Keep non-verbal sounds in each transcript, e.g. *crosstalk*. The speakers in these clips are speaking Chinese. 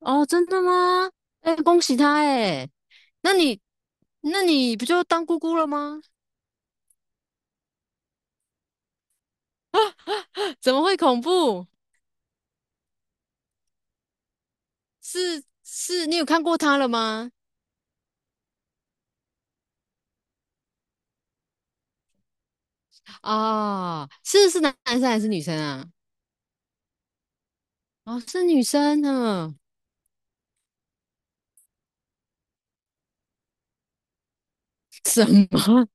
哦，真的吗？哎，恭喜他哎！那你那你不就当姑姑了吗？*laughs* 怎么会恐怖？是是，你有看过他了吗？啊、是男生还是女生啊？哦，是女生呢？*laughs* 什么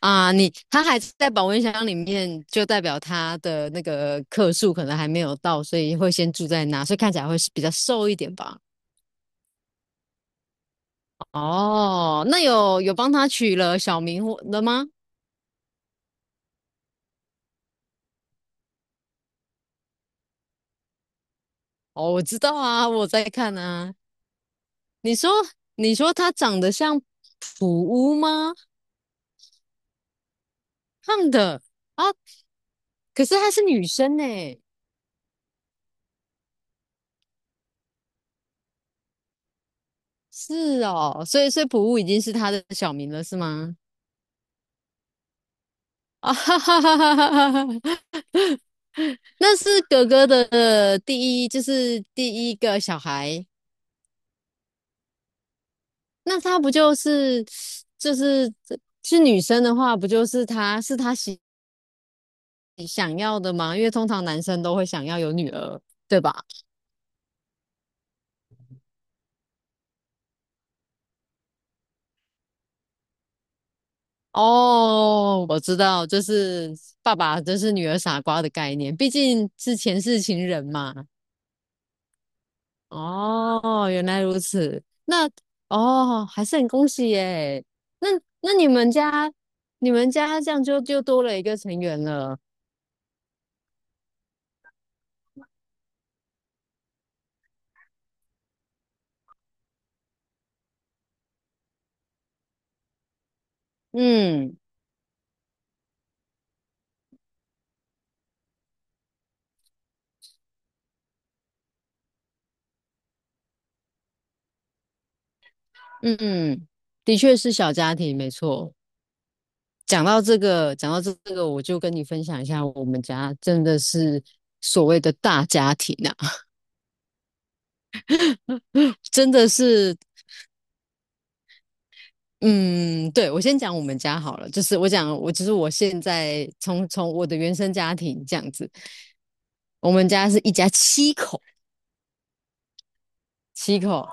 啊？你他还在保温箱里面，就代表他的那个克数可能还没有到，所以会先住在那，所以看起来会是比较瘦一点吧？哦，那有帮他取了小名或了吗？哦，我知道啊，我在看啊。你说，你说她长得像普乌吗？胖的啊，可是她是女生呢、是哦，所以普乌已经是她的小名了，是吗？*laughs* 啊哈哈哈哈哈哈！那是哥哥的呃第一，就是第一个小孩。那他不就是就是是女生的话，不就是他想要的吗？因为通常男生都会想要有女儿，对吧？哦，我知道，就是爸爸就是女儿傻瓜的概念，毕竟是前世情人嘛。哦，原来如此。那哦，还是很恭喜耶。那那你们家这样就多了一个成员了。嗯嗯，嗯，的确是小家庭，没错。讲到这个，讲到这个，我就跟你分享一下，我们家真的是所谓的大家庭啊。*laughs* 真的是嗯，对，我先讲我们家好了，就是我讲我，就是我现在从我的原生家庭这样子，我们家是一家七口，七口，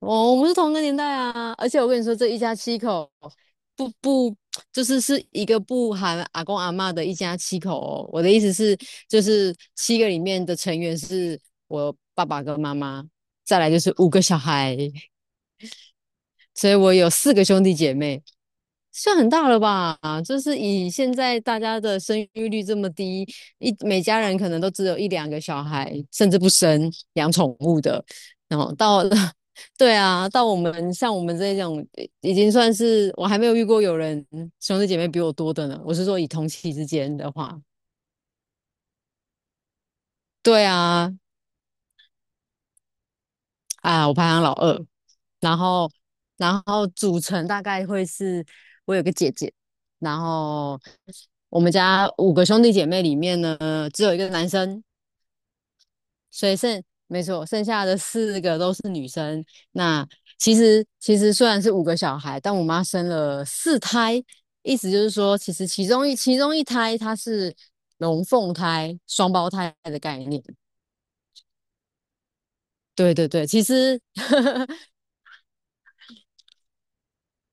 哦，我们是同个年代啊，而且我跟你说，这一家七口不就是一个不含阿公阿嬷的一家七口哦，我的意思是，就是七个里面的成员是我爸爸跟妈妈，再来就是五个小孩，所以我有四个兄弟姐妹。算很大了吧？就是以现在大家的生育率这么低，每家人可能都只有一两个小孩，甚至不生养宠物的。然后到了 *laughs* 对啊，到我们这种，已经算是我还没有遇过有人兄弟姐妹比我多的呢。我是说以同期之间的话，对啊，啊，我排行老二，然后组成大概会是我有个姐姐，然后我们家五个兄弟姐妹里面呢，只有一个男生，所以没错，剩下的四个都是女生。那其实虽然是五个小孩，但我妈生了四胎，意思就是说，其实其中一胎它是龙凤胎、双胞胎的概念。对对对，其实 *laughs*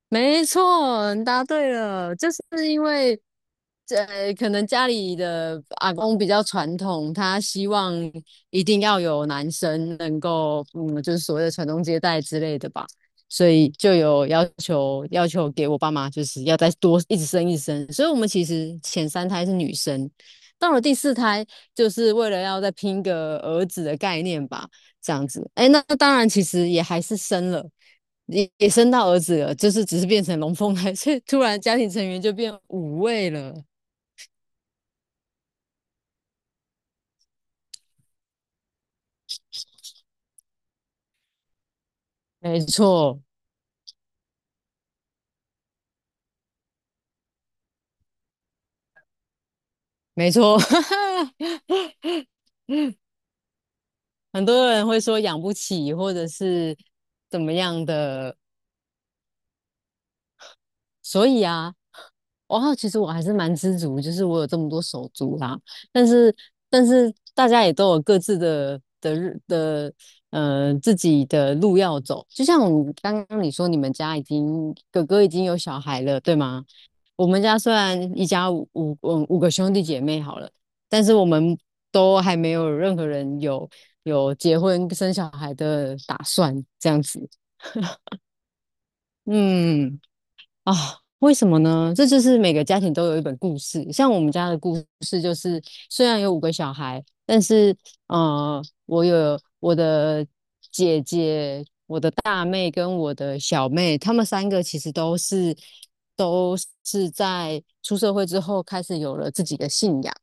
没错，你答对了，就是因为，呃，可能家里的阿公比较传统，他希望一定要有男生能够，嗯，就是所谓的传宗接代之类的吧，所以就有要求，给我爸妈就是要再多一直生一直生，所以我们其实前三胎是女生，到了第四胎就是为了要再拼个儿子的概念吧。这样子。哎，那那当然，其实也还是生了，也生到儿子了，就是只是变成龙凤胎，*laughs* 所以突然家庭成员就变五位了。没错，没错，*laughs* 很多人会说养不起，或者是怎么样的所以啊，哇，其实我还是蛮知足，就是我有这么多手足啦。但是，但是大家也都有各自的自己的路要走。就像我刚刚你说，你们家已经哥哥已经有小孩了，对吗？我们家虽然一家五个兄弟姐妹好了，但是我们都还没有任何人有结婚生小孩的打算，这样子。嗯。啊，为什么呢？这就是每个家庭都有一本故事。像我们家的故事就是，虽然有五个小孩，但是呃，我有我的姐姐大妹跟我的小妹，她们三个其实都是在出社会之后开始有了自己的信仰，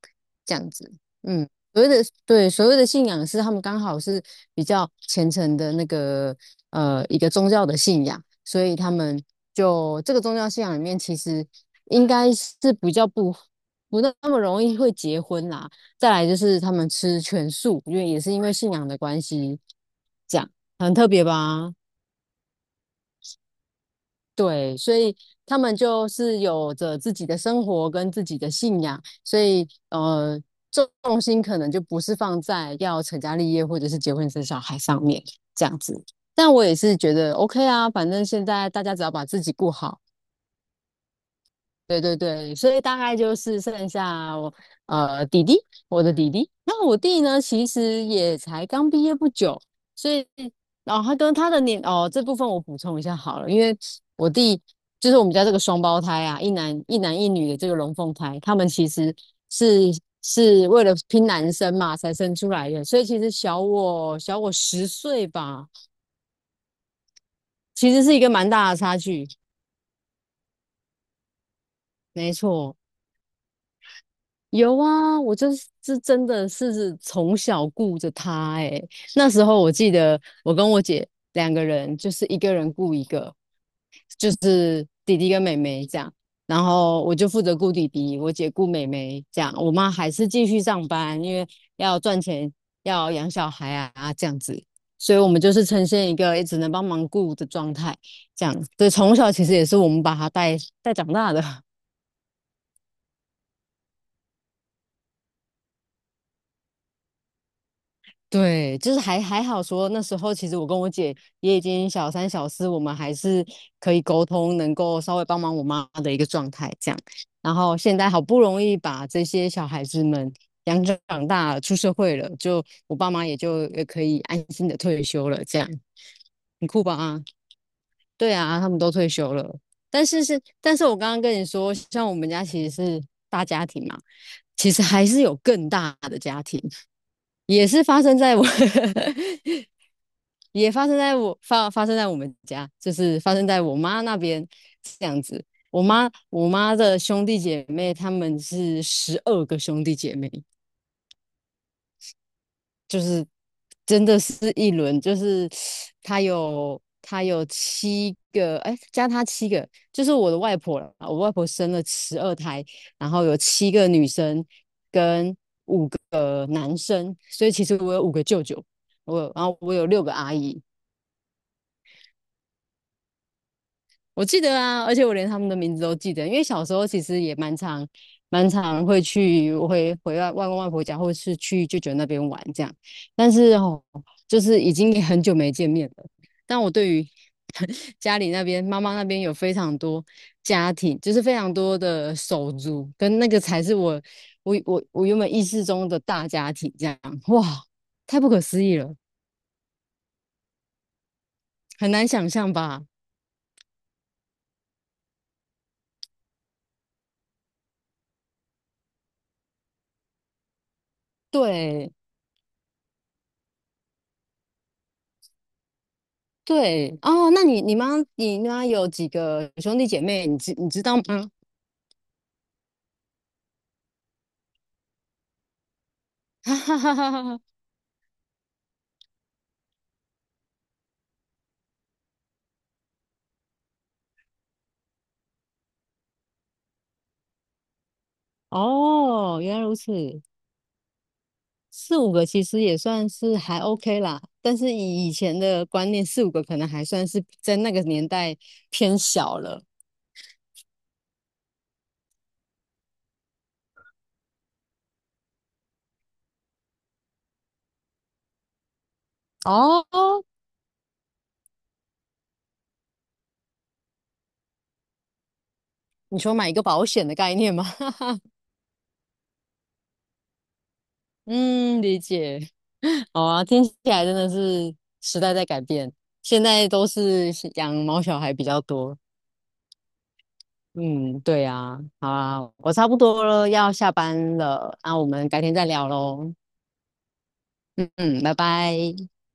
这样子。嗯，所谓的对所谓的信仰是他们刚好是比较虔诚的那个呃一个宗教的信仰，所以他们就这个宗教信仰里面其实应该是比较不那么容易会结婚啦。再来就是他们吃全素，因为也是因为信仰的关系，这样很特别吧？对，所以他们就是有着自己的生活跟自己的信仰，所以呃，重心可能就不是放在要成家立业或者是结婚生小孩上面这样子。但我也是觉得 OK 啊，反正现在大家只要把自己顾好，对对对，所以大概就是剩下我呃弟弟，我的弟弟。那我弟呢，其实也才刚毕业不久，所以然后、他跟他的年哦这部分我补充一下好了，因为我弟就是我们家这个双胞胎啊，一男一女的这个龙凤胎，他们其实是是为了拼男生嘛才生出来的，所以其实小我10岁吧，其实是一个蛮大的差距。没错，有啊，我就是真的是从小顾着他诶、那时候我记得我跟我姐两个人，就是一个人顾一个，就是弟弟跟妹妹这样。然后我就负责顾弟弟，我姐顾妹妹这样。我妈还是继续上班，因为要赚钱，要养小孩啊这样子。所以我们就是呈现一个也只能帮忙顾的状态，这样。所以从小其实也是我们把他带长大的。对，就是还好说，那时候其实我跟我姐也已经小三小四，我们还是可以沟通，能够稍微帮忙我妈的一个状态这样。然后现在好不容易把这些小孩子们养长大了，出社会了，就我爸妈也就可以安心的退休了，这样很酷吧？啊，对啊，他们都退休了，但是我刚刚跟你说，像我们家其实是大家庭嘛，其实还是有更大的家庭。也是发生在我 *laughs* 也发生在我发发生在我们家，就是发生在我妈那边这样子。我妈的兄弟姐妹，他们是12个兄弟姐妹，就是真的是一轮，就是她有七个，哎，加她七个，就是我的外婆了。我外婆生了12胎，然后有七个女生跟五个男生，所以其实我有五个舅舅，然后我有六个阿姨，我记得啊，而且我连他们的名字都记得，因为小时候其实也蛮常、蛮常会去，我会回外公外婆家，或是去舅舅那边玩这样。但是哦，就是已经也很久没见面了。但我对于 *laughs* 家里那边、妈妈那边有非常多家庭，就是非常多的手足，跟那个才是我原本意识中的大家庭这样。哇，太不可思议了，很难想象吧？对。对哦，那你妈有几个兄弟姐妹？你知道吗？*laughs* 哈哈哈哈哈！哦，原来如此，四五个其实也算是还 OK 啦，但是以前的观念，四五个可能还算是在那个年代偏小了。哦，你说买一个保险的概念吗？*laughs* 嗯，理解。好啊，听起来真的是时代在改变，现在都是养毛小孩比较多。嗯，对呀，好啊，我差不多了，要下班了，那我们改天再聊喽。嗯嗯，拜拜。